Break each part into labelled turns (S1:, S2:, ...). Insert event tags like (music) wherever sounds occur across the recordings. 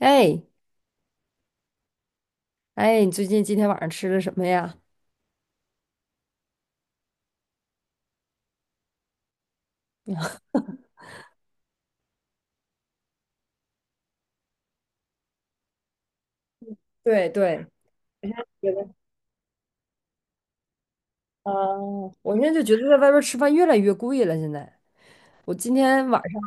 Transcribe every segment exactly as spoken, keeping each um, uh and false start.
S1: 哎哎，你最近今天晚上吃的什么呀？(laughs) 对对，觉得啊，我现在就觉得在外边儿吃饭越来越贵了。现在我今天晚上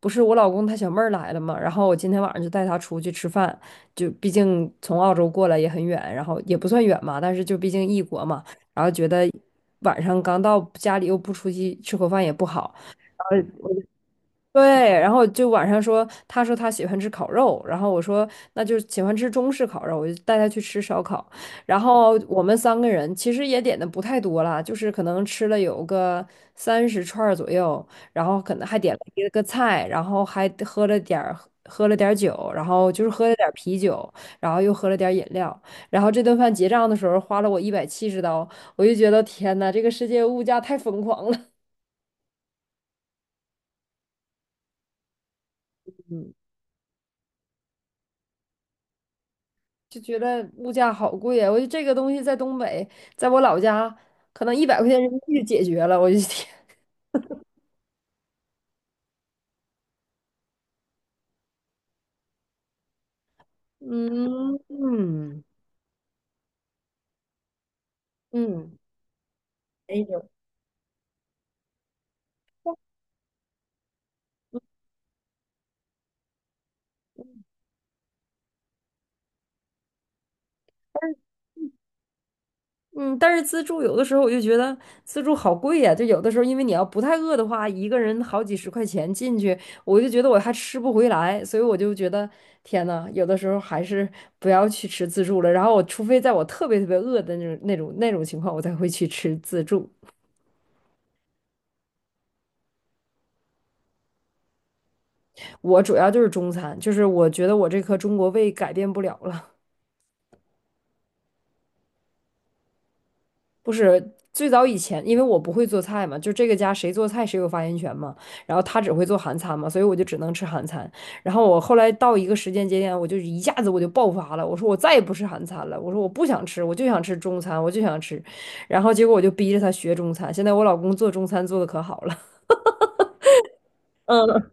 S1: 不是我老公他小妹儿来了嘛，然后我今天晚上就带她出去吃饭，就毕竟从澳洲过来也很远，然后也不算远嘛，但是就毕竟异国嘛，然后觉得晚上刚到家里又不出去吃口饭也不好。(laughs) 对，然后就晚上说，他说他喜欢吃烤肉，然后我说那就喜欢吃中式烤肉，我就带他去吃烧烤。然后我们三个人其实也点的不太多了，就是可能吃了有个三十串儿左右，然后可能还点了一个菜，然后还喝了点儿喝了点儿酒，然后就是喝了点儿啤酒，然后又喝了点儿饮料。然后这顿饭结账的时候花了我一百七十刀，我就觉得天呐，这个世界物价太疯狂了。就觉得物价好贵啊！我觉得这个东西在东北，在我老家，可能一百块钱人民币就解决了。我就天，(laughs) 嗯嗯嗯，哎呦，嗯，但是自助有的时候我就觉得自助好贵呀、就有的时候，因为你要不太饿的话，一个人好几十块钱进去，我就觉得我还吃不回来，所以我就觉得天呐，有的时候还是不要去吃自助了。然后我除非在我特别特别饿的那种那种那种情况，我才会去吃自助。我主要就是中餐，就是我觉得我这颗中国胃改变不了了。不是最早以前，因为我不会做菜嘛，就这个家谁做菜谁有发言权嘛。然后他只会做韩餐嘛，所以我就只能吃韩餐。然后我后来到一个时间节点，我就一下子我就爆发了，我说我再也不吃韩餐了，我说我不想吃，我就想吃中餐，我就想吃。然后结果我就逼着他学中餐，现在我老公做中餐做的可好了。嗯，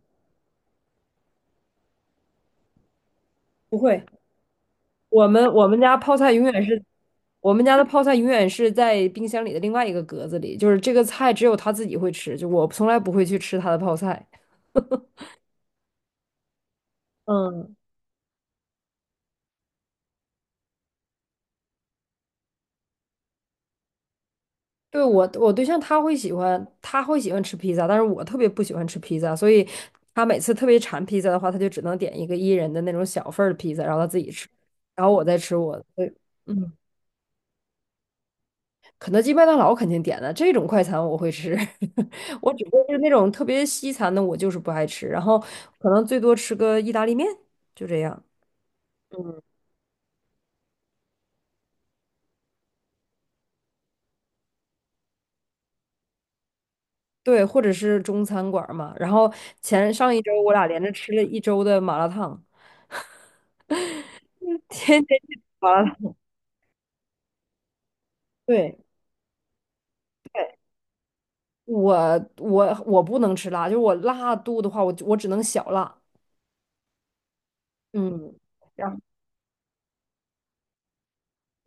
S1: 不会，我们我们家泡菜永远是我们家的泡菜永远是在冰箱里的另外一个格子里，就是这个菜只有他自己会吃，就我从来不会去吃他的泡菜。嗯，对，我，我对象他会喜欢，他会喜欢吃披萨，但是我特别不喜欢吃披萨，所以他每次特别馋披萨的话，他就只能点一个一人的那种小份儿的披萨，然后他自己吃，然后我再吃我的。对，嗯，肯德基、麦当劳肯定点的，这种快餐我会吃。(laughs) 我只不过是那种特别西餐的，我就是不爱吃，然后可能最多吃个意大利面，就这样。对，或者是中餐馆儿嘛。然后前上一周我俩连着吃了一周的麻辣烫。(laughs) 天天去吃麻辣烫。对，我我我不能吃辣，就是我辣度的话，我我只能小辣。嗯，然后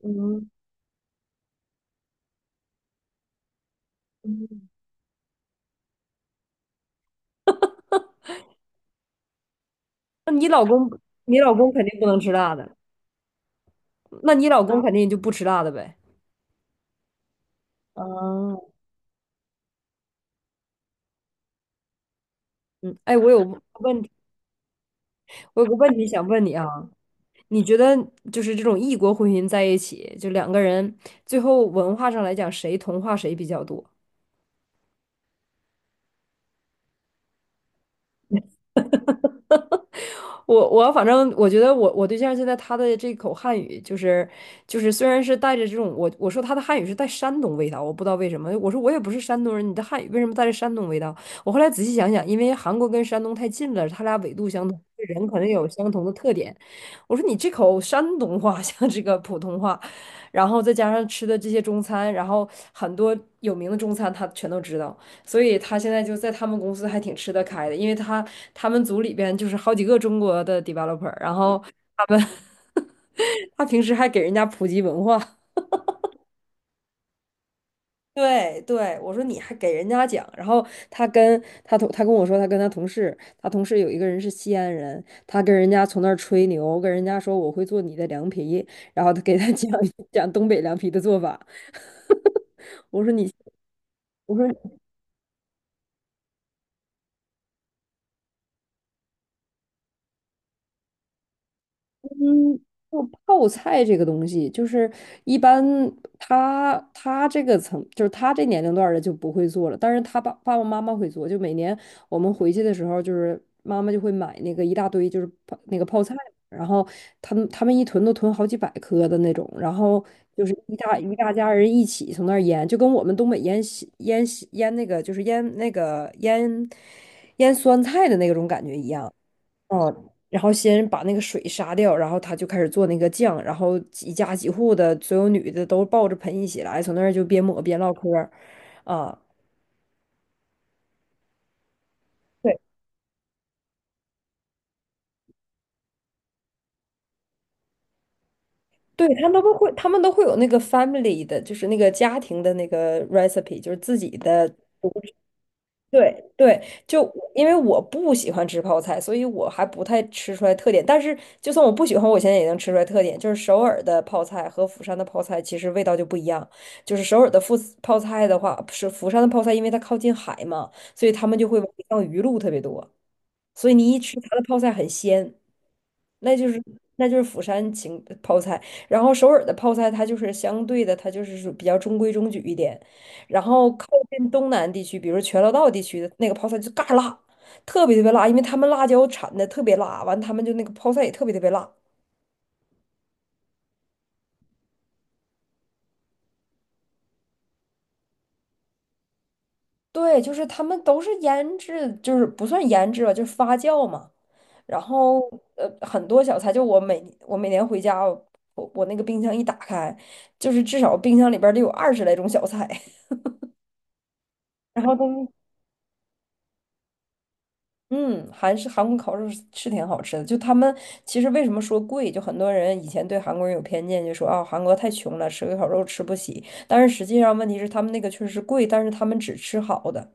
S1: 嗯，嗯那你老公你老公肯定不能吃辣的，那你老公肯定就不吃辣的呗。哦，嗯，哎，我有个问题，我有个问题想问你啊，你觉得就是这种异国婚姻在一起，就两个人最后文化上来讲，谁同化谁比较多？我我反正我觉得我我对象现在他的这口汉语就是就是虽然是带着这种我我说他的汉语是带山东味道，我不知道为什么。我说我也不是山东人，你的汉语为什么带着山东味道？我后来仔细想想，因为韩国跟山东太近了，他俩纬度相同，人可能有相同的特点。我说你这口山东话 (laughs) 像这个普通话，然后再加上吃的这些中餐，然后很多有名的中餐他全都知道。所以他现在就在他们公司还挺吃得开的，因为他他们组里边就是好几个中国的 developer，然后他们 (laughs) 他平时还给人家普及文化。(laughs) 对对，我说你还给人家讲，然后他跟他同他跟我说，他跟他同事，他同事有一个人是西安人，他跟人家从那儿吹牛，跟人家说我会做你的凉皮，然后他给他讲 (laughs) 讲东北凉皮的做法。(laughs) 我说你，我说。嗯，就泡菜这个东西，就是一般他他这个层，就是他这年龄段儿的就不会做了，但是他爸爸爸妈妈会做。就每年我们回去的时候，就是妈妈就会买那个一大堆，就是泡那个泡菜，然后他们他们一囤都囤好几百颗的那种，然后就是一大一大家人一起从那儿腌，就跟我们东北腌西腌西腌那个就是腌那个腌腌酸菜的那种感觉一样。哦，然后先把那个水杀掉，然后他就开始做那个酱，然后几家几户的所有女的都抱着盆一起来，从那儿就边抹边唠嗑儿，啊，对，对，他们都会，他们都会有那个 family 的，就是那个家庭的那个 recipe，就是自己的对对，就因为我不喜欢吃泡菜，所以我还不太吃出来特点。但是就算我不喜欢，我现在也能吃出来特点，就是首尔的泡菜和釜山的泡菜其实味道就不一样。就是首尔的富泡菜的话，是釜山的泡菜，因为它靠近海嘛，所以他们就会往里放鱼露特别多，所以你一吃它的泡菜很鲜。那就是那就是釜山芹泡菜，然后首尔的泡菜它就是相对的，它就是属比较中规中矩一点，然后靠近东南地区，比如全罗道地区的那个泡菜就嘎辣，特别特别辣，因为他们辣椒产的特别辣，完他们就那个泡菜也特别特别辣。对，就是他们都是腌制，就是不算腌制吧，就是发酵嘛。然后呃，很多小菜，就我每我每年回家，我我那个冰箱一打开，就是至少冰箱里边儿得有二十来种小菜。(laughs) 然后都嗯，韩式韩国烤肉是是挺好吃的。就他们其实为什么说贵，就很多人以前对韩国人有偏见，就说啊韩国太穷了，吃个烤肉吃不起。但是实际上问题是他们那个确实是贵，但是他们只吃好的。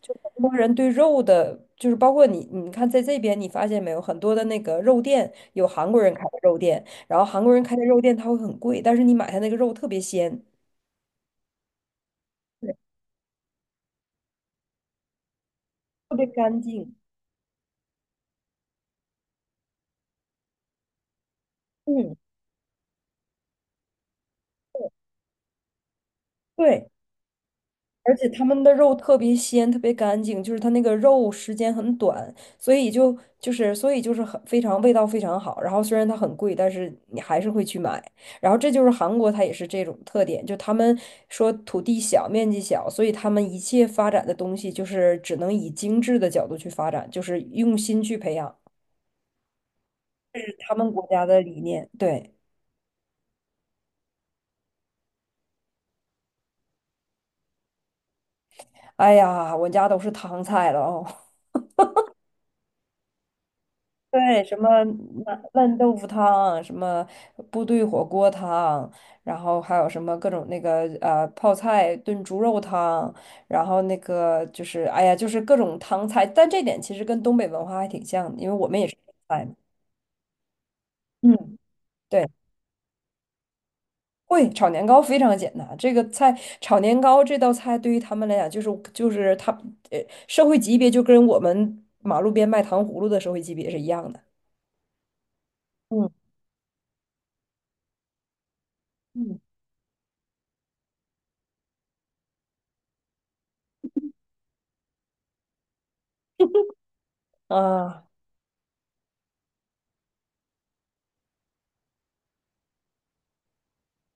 S1: 就很多人对肉的，就是包括你，你看在这边你发现没有，很多的那个肉店有韩国人开的肉店，然后韩国人开的肉店它会很贵，但是你买它那个肉特别鲜，对特别干净。嗯，对。而且他们的肉特别鲜，特别干净，就是它那个肉时间很短，所以就就是所以就是很非常味道非常好。然后虽然它很贵，但是你还是会去买。然后这就是韩国，它也是这种特点，就他们说土地小，面积小，所以他们一切发展的东西就是只能以精致的角度去发展，就是用心去培养他们国家的理念。对，哎呀，我家都是汤菜了哦。对，什么烂烂豆腐汤，什么部队火锅汤，然后还有什么各种那个呃泡菜炖猪肉汤，然后那个就是哎呀，就是各种汤菜，但这点其实跟东北文化还挺像的，因为我们也是川菜嘛。嗯，对，会炒年糕非常简单，这个菜炒年糕这道菜对于他们来讲就是就是他呃社会级别就跟我们马路边卖糖葫芦的社会级别是一样的。嗯嗯。啊。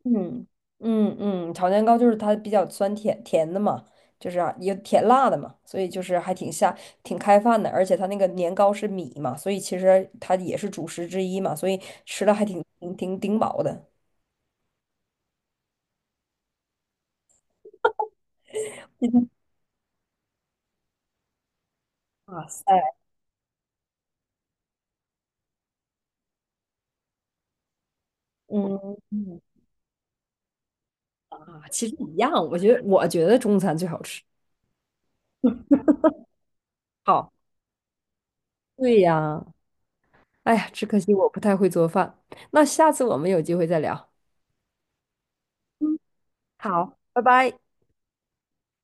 S1: 嗯嗯嗯，炒年糕就是它比较酸甜甜的嘛，就是啊有甜辣的嘛，所以就是还挺下挺开饭的，而且它那个年糕是米嘛，所以其实它也是主食之一嘛，所以吃的还挺挺挺顶饱的。(laughs) 嗯哇塞，嗯，嗯啊，其实一样，我觉得我觉得中餐最好吃。好，对呀，哎呀，只可惜我不太会做饭。那下次我们有机会再聊。好，拜拜。